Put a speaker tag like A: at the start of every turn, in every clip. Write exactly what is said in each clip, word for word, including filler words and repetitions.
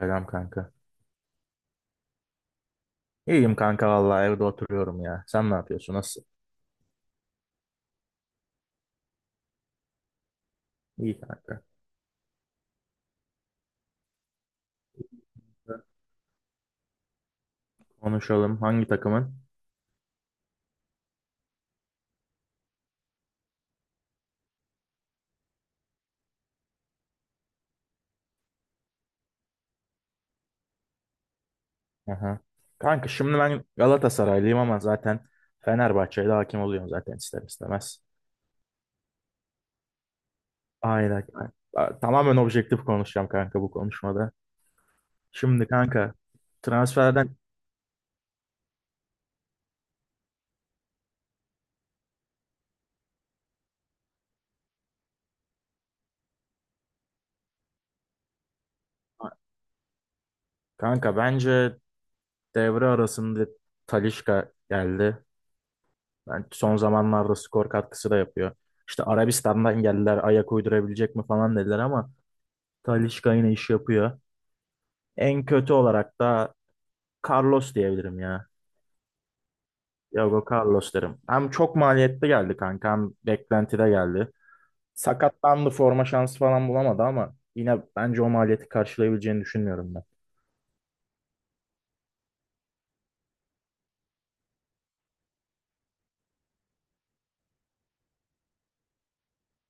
A: Selam kanka. İyiyim kanka, vallahi evde oturuyorum ya. Sen ne yapıyorsun? Nasıl? İyi kanka. Konuşalım. Hangi takımın? Aha. Kanka şimdi ben Galatasaraylıyım, ama zaten Fenerbahçe'yle hakim oluyorum zaten ister istemez. Aynen, kanka. Tamamen objektif konuşacağım kanka bu konuşmada. Şimdi kanka transferden kanka bence devre arasında Talisca geldi. Ben son zamanlarda skor katkısı da yapıyor. İşte Arabistan'dan geldiler ayak uydurabilecek mi falan dediler ama Talisca yine iş yapıyor. En kötü olarak da Carlos diyebilirim ya. Diego Carlos derim. Hem çok maliyetli geldi kanka, hem beklentide geldi. Sakatlandı, forma şansı falan bulamadı, ama yine bence o maliyeti karşılayabileceğini düşünmüyorum ben.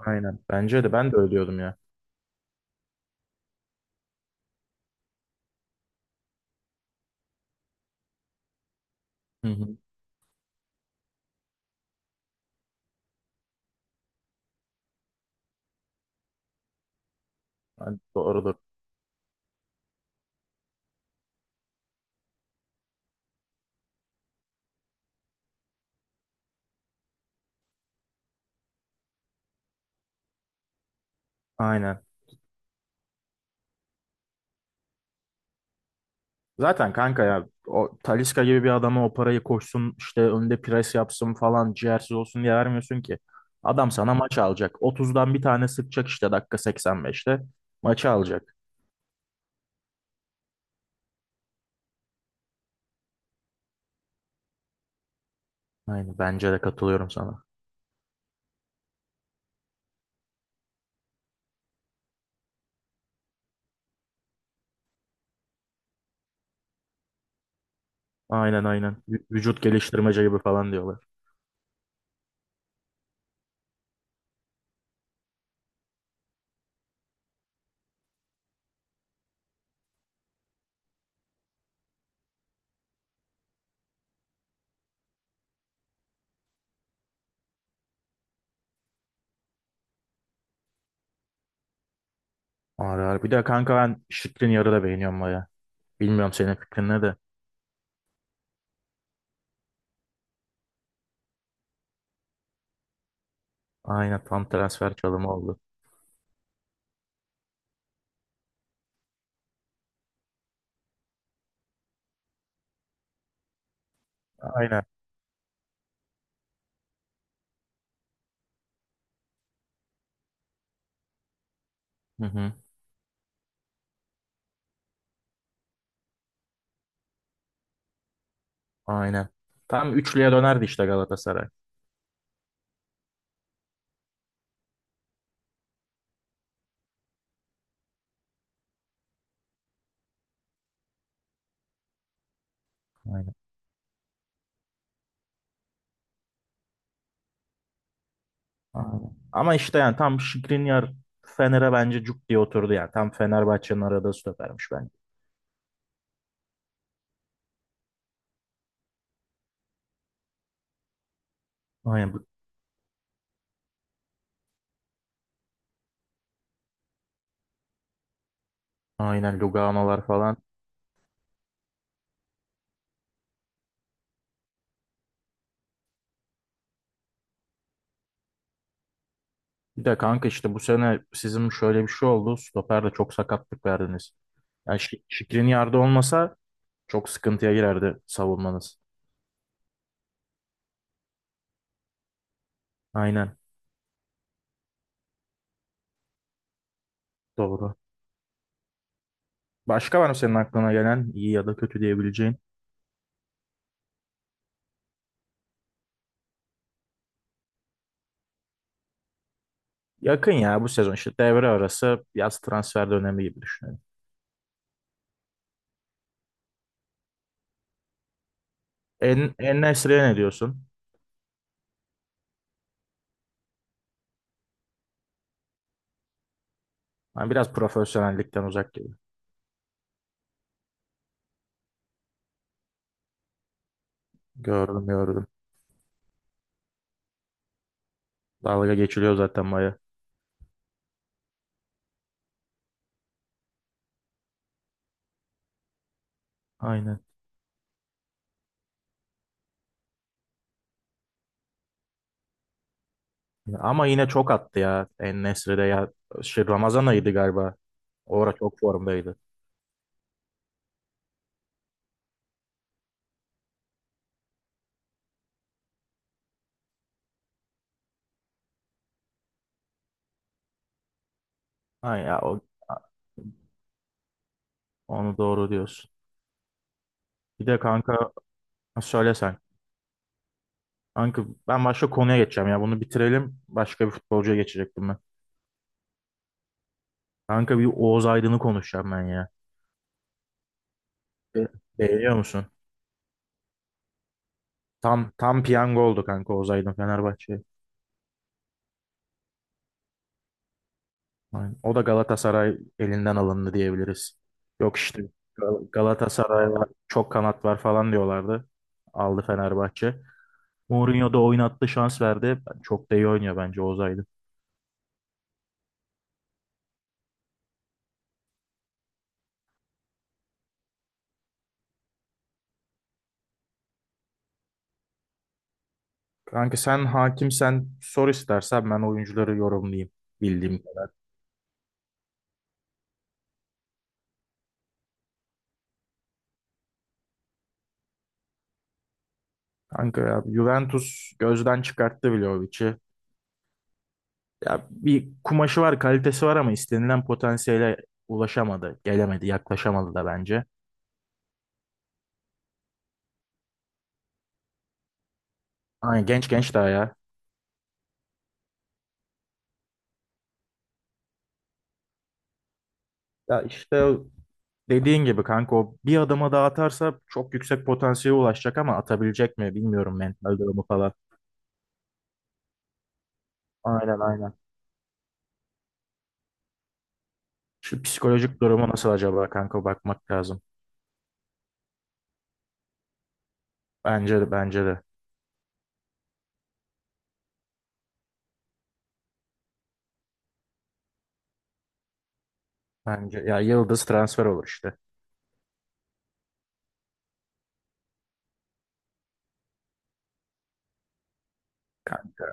A: Aynen. Bence de ben de öyle diyordum ya. Hı hı. Ben- Doğrudur. Aynen. Zaten kanka ya, o Talisca gibi bir adama o parayı koşsun işte, önde pres yapsın falan, ciğersiz olsun diye vermiyorsun ki. Adam sana maç alacak. otuzdan bir tane sıkacak işte dakika seksen beşte. Maçı alacak. Aynen, bence de katılıyorum sana. Aynen aynen. Vü- Vücut geliştirmece gibi falan diyorlar. Ağır ağır. Bir de kanka ben Şikrin yarı da beğeniyorum baya. Bilmiyorum senin fikrin ne de. Aynen, tam transfer çalımı oldu. Aynen. Hı hı. Aynen. Tam üçlüye dönerdi işte Galatasaray. Aynen. Aynen. Ama işte yani tam Skriniar Fener'e bence cuk diye oturdu yani. Tam Fenerbahçe'nin aradığı stopermiş bence. Aynen, bu- aynen Lugano'lar falan. Bir de kanka işte bu sene sizin şöyle bir şey oldu. Stoper'de çok sakatlık verdiniz. Yani Şi- Skriniar'da olmasa çok sıkıntıya girerdi savunmanız. Aynen, doğru. Başka var mı senin aklına gelen iyi ya da kötü diyebileceğin? Yakın ya, bu sezon işte devre arası yaz transfer dönemi gibi düşünelim. En, En-Nesyri'ye ne diyorsun? Ben biraz profesyonellikten uzak gibi. Gördüm gördüm. Dalga geçiliyor zaten baya. Aynen. Ama yine çok attı ya En-Nesyri de ya. Şey, Ramazan ayıydı galiba. O ara çok formdaydı. Ha ya o, onu doğru diyorsun. Bir de kanka, ha, söyle sen. Kanka ben başka konuya geçeceğim ya. Bunu bitirelim. Başka bir futbolcuya geçecektim ben. Kanka bir Oğuz Aydın'ı konuşacağım ben ya. Be- Beğeniyor musun? Tam tam piyango oldu kanka Oğuz Aydın Fenerbahçe. Aynen. O da Galatasaray elinden alındı diyebiliriz. Yok işte Gal- Galatasaray'la çok kanat var falan diyorlardı. Aldı Fenerbahçe. Mourinho da oynattı, şans verdi. Çok da iyi oynuyor bence Oğuz Aydın. Kanka sen hakimsen sor, istersen ben oyuncuları yorumlayayım bildiğim kadar. Kanka ya, Juventus gözden çıkarttı Vlahovic'i. Ya bir kumaşı var, kalitesi var, ama istenilen potansiyele ulaşamadı, gelemedi, yaklaşamadı da bence. Aynen, genç genç daha ya. Ya işte dediğin gibi kanka, o bir adama daha atarsa çok yüksek potansiyele ulaşacak, ama atabilecek mi bilmiyorum mental durumu falan. Aynen aynen. Şu psikolojik durumu nasıl acaba kanka, bakmak lazım. Bence de bence de. Bence ya Yıldız transfer olur işte. Kanka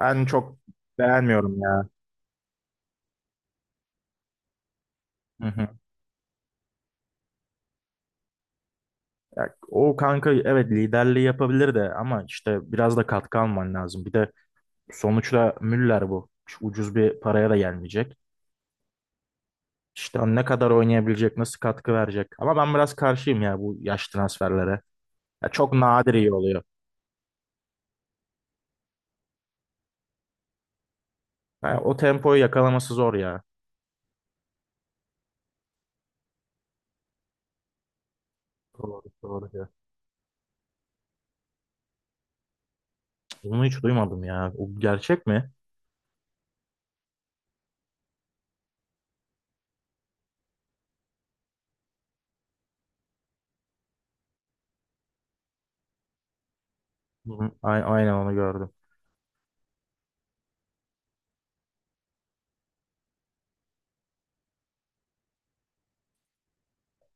A: ben çok beğenmiyorum ya. Hı hı. Ya, o kanka evet, liderliği yapabilir de, ama işte biraz da katkı alman lazım. Bir de sonuçta Müller bu. Şu ucuz bir paraya da gelmeyecek. İşte o ne kadar oynayabilecek, nasıl katkı verecek. Ama ben biraz karşıyım ya bu yaş transferlere. Ya çok nadir iyi oluyor. Ya o tempoyu yakalaması zor ya. Doğru, doğru ya. Bunu hiç duymadım ya. O gerçek mi? Hı hı. A- Aynen, onu gördüm.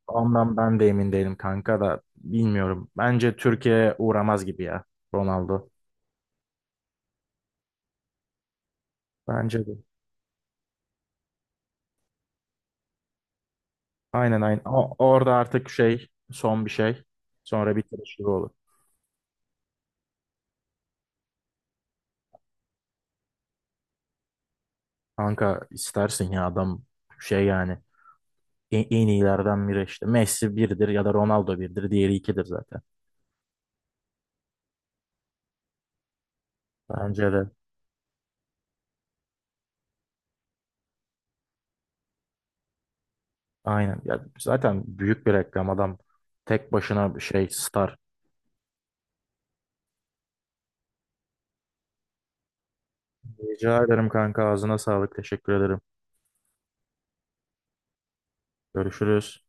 A: Ondan ben de emin değilim kanka, da bilmiyorum. Bence Türkiye'ye uğramaz gibi ya Ronaldo. Bence de. Aynen aynen. O, orada artık şey, son bir şey. Sonra bitiriş gibi olur. Kanka istersin ya, adam şey yani. en, en iyilerden biri işte. Messi birdir ya da Ronaldo birdir. Diğeri ikidir zaten. Bence de aynen. Ya zaten büyük bir reklam adam. Tek başına bir şey star. Rica ederim kanka, ağzına sağlık. Teşekkür ederim. Görüşürüz.